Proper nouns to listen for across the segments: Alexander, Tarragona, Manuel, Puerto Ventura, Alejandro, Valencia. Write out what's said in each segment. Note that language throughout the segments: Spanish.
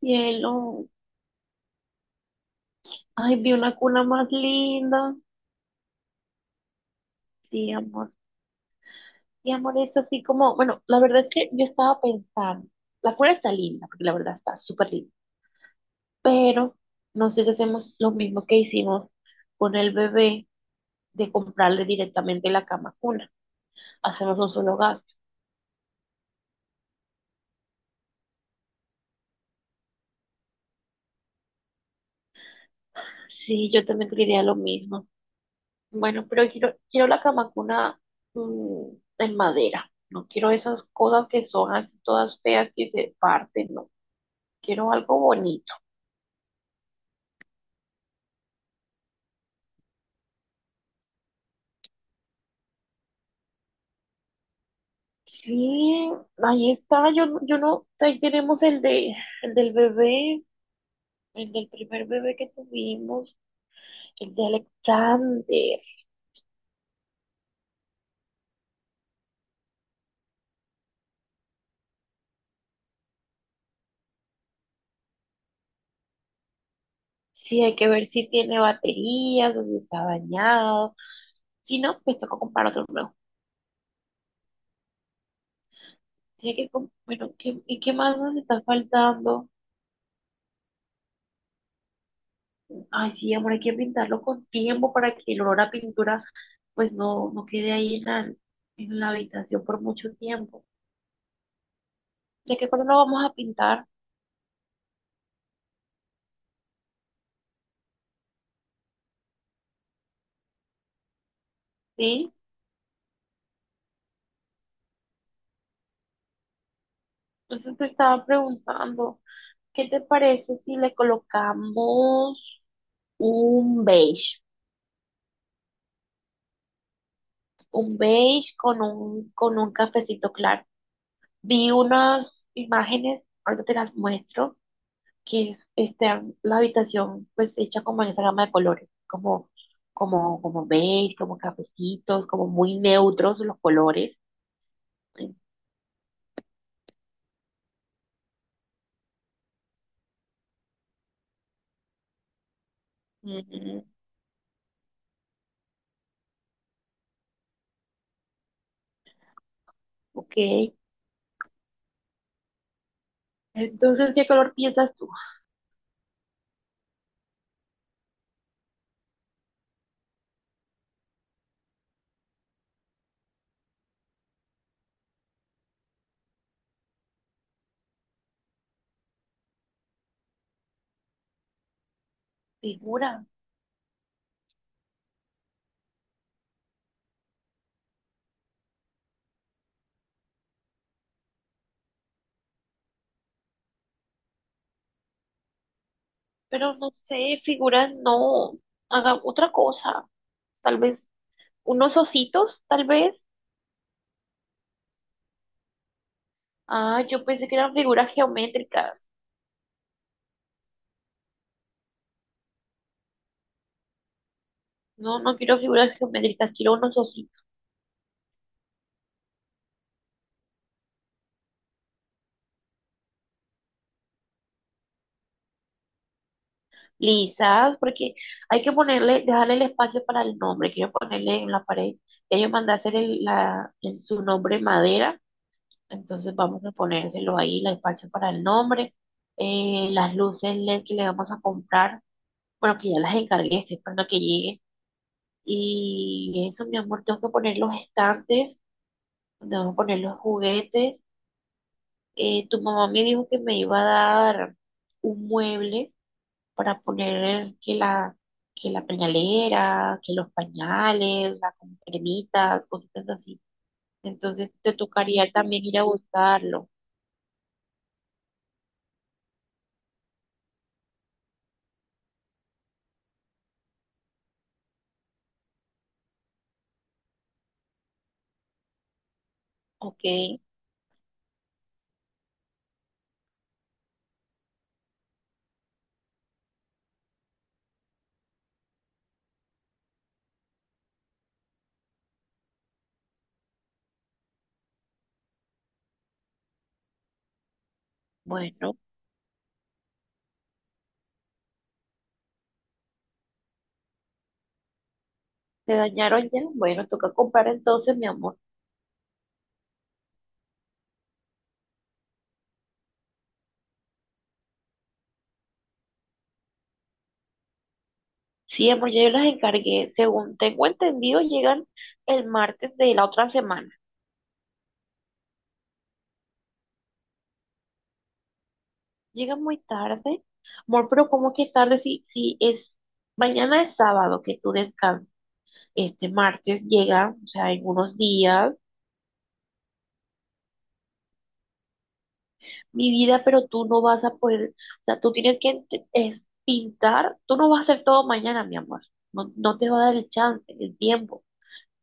Cielo, ay, vi una cuna más linda. Sí, amor. Sí, amor, es así como, bueno, la verdad es que yo estaba pensando, la cuna está linda, porque la verdad está súper linda, pero no sé si hacemos lo mismo que hicimos con el bebé de comprarle directamente la cama cuna. Hacemos un solo gasto. Sí, yo también quería lo mismo. Bueno, pero quiero la cama cuna mm, en madera. No quiero esas cosas que son así todas feas que se parten, no. Quiero algo bonito. Sí, ahí está, yo, yo no, ahí tenemos el de, el del bebé, el del primer bebé que tuvimos, el de Alexander. Sí, hay que ver si tiene baterías o si está dañado. Si no, pues toca comprar otro nuevo. Sí, hay que, bueno, ¿ y qué más nos está faltando? Ay, sí, amor, hay que pintarlo con tiempo para que el olor a pintura, pues no, no quede ahí en la habitación por mucho tiempo. ¿De qué color lo vamos a pintar? ¿Sí? Entonces te estaba preguntando, ¿qué te parece si le colocamos un beige? Un beige con un cafecito claro. Vi unas imágenes, ahorita te las muestro, que es este, la habitación pues hecha como en esa gama de colores, como, como, como beige, como cafecitos, como muy neutros los colores. Ujú. Ok. Entonces, ¿qué color piensas tú? Figura. Pero no sé, figuras no. Haga otra cosa. Tal vez unos ositos, tal vez. Ah, yo pensé que eran figuras geométricas. No, no quiero figuras geométricas, quiero unos ositos lisas, porque hay que ponerle, dejarle el espacio para el nombre. Quiero ponerle en la pared. Ya yo mandé a hacer la, en su nombre madera, entonces vamos a ponérselo ahí, el espacio para el nombre. Las luces LED que le vamos a comprar, bueno, que ya las encargué, estoy esperando que lleguen. Y eso, mi amor, tengo que poner los estantes, tengo que poner los juguetes. Tu mamá me dijo que me iba a dar un mueble para poner que la pañalera, que los pañales, las cremitas, cositas así. Entonces te tocaría también ir a buscarlo. Ok, bueno, ¿se dañaron ya? Bueno, toca comprar entonces, mi amor. Sí, amor, ya yo las encargué. Según tengo entendido, llegan el martes de la otra semana. Llega muy tarde. Amor, pero ¿cómo que tarde? Si, si es mañana es sábado que tú descansas. Este martes llega, o sea, en unos días, mi vida, pero tú no vas a poder, o sea, tú tienes que es pintar, tú no vas a hacer todo mañana, mi amor, no, no te va a dar el chance, el tiempo,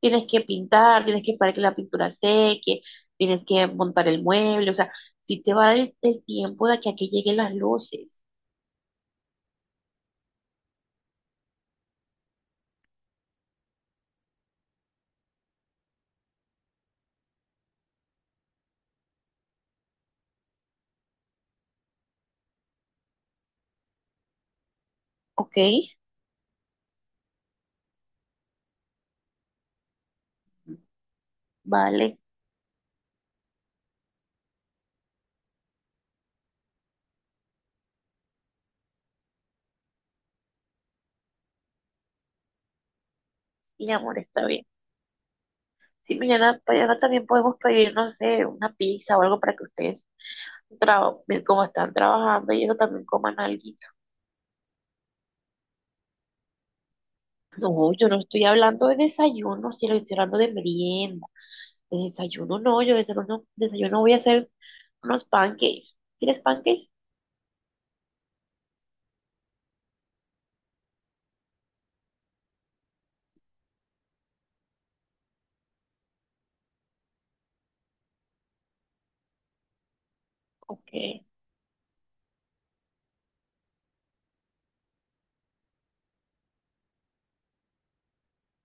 tienes que pintar, tienes que esperar que la pintura seque, tienes que montar el mueble, o sea, sí te va a dar el tiempo de que aquí lleguen las luces, ¿ok? Vale, mi amor, está bien. Si mañana, mañana también podemos pedir, no sé, una pizza o algo para que ustedes, tra- como están trabajando y eso, también coman algo. No, yo no estoy hablando de desayuno, sino estoy hablando de merienda. De desayuno no, yo de desayuno, desayuno voy a hacer unos pancakes. ¿Quieres pancakes? Ok.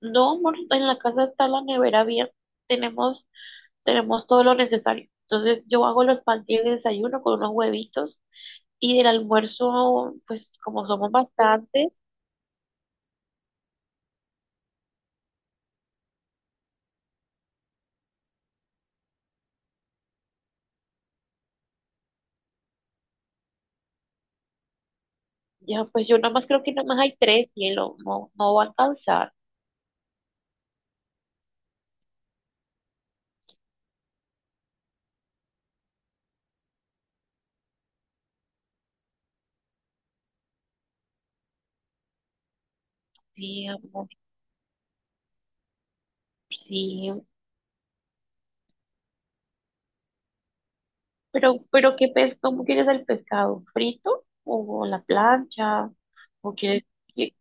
No, amor, en la casa está la nevera bien. Tenemos, tenemos todo lo necesario. Entonces yo hago los pancakes de desayuno con unos huevitos y del almuerzo, pues como somos bastantes. Ya, pues yo nada más creo que nada más hay tres, cielo, no, no va a alcanzar. Sí, amor, sí. Pero qué pes, ¿cómo quieres el pescado? ¿Frito? ¿O a la plancha? ¿O quieres que,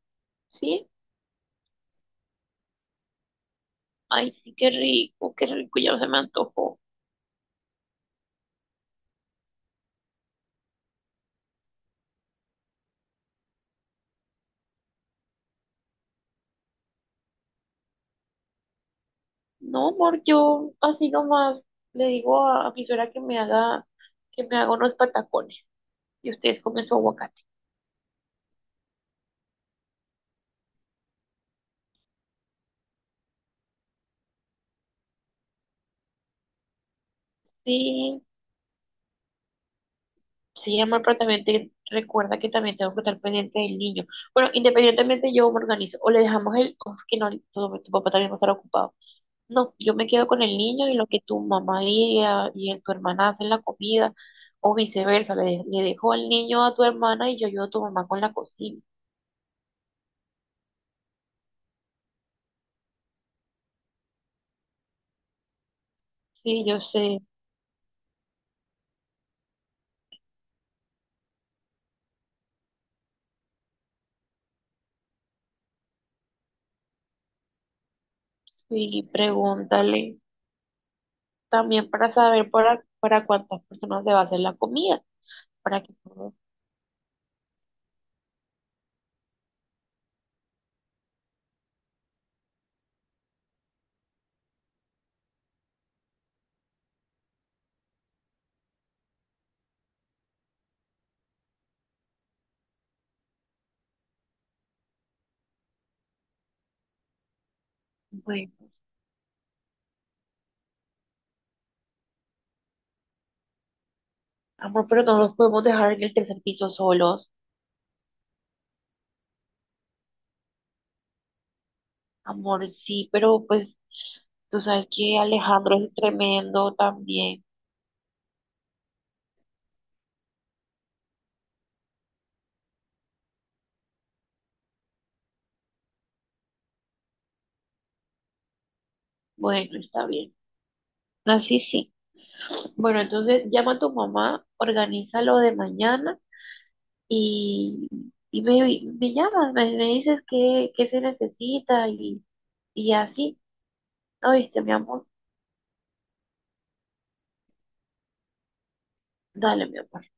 sí? Ay, sí, qué rico, ya se me antojó. No, amor, yo así nomás le digo a mi suegra que me haga unos patacones. Y ustedes comen su aguacate. Sí. Sí, amor, pero también recuerda que también tengo que estar pendiente del niño. Bueno, independientemente yo me organizo. O le dejamos el, o es que no, tu papá también va a estar ocupado. No, yo me quedo con el niño y lo que tu mamá y, y tu hermana hacen la comida, o viceversa, le, le dejo al niño a tu hermana y yo ayudo a tu mamá con la cocina. Sí, yo sé. Sí, pregúntale también para saber para cuántas personas se va a hacer la comida, para que todos, bueno, amor, pero no los podemos dejar en el tercer piso solos. Amor, sí, pero pues tú sabes que Alejandro es tremendo también. Bueno, está bien. Así sí. Bueno, entonces llama a tu mamá, organiza lo de mañana y, y me llamas, me dices qué, qué se necesita y así. ¿Oíste, mi amor? Dale, mi amor.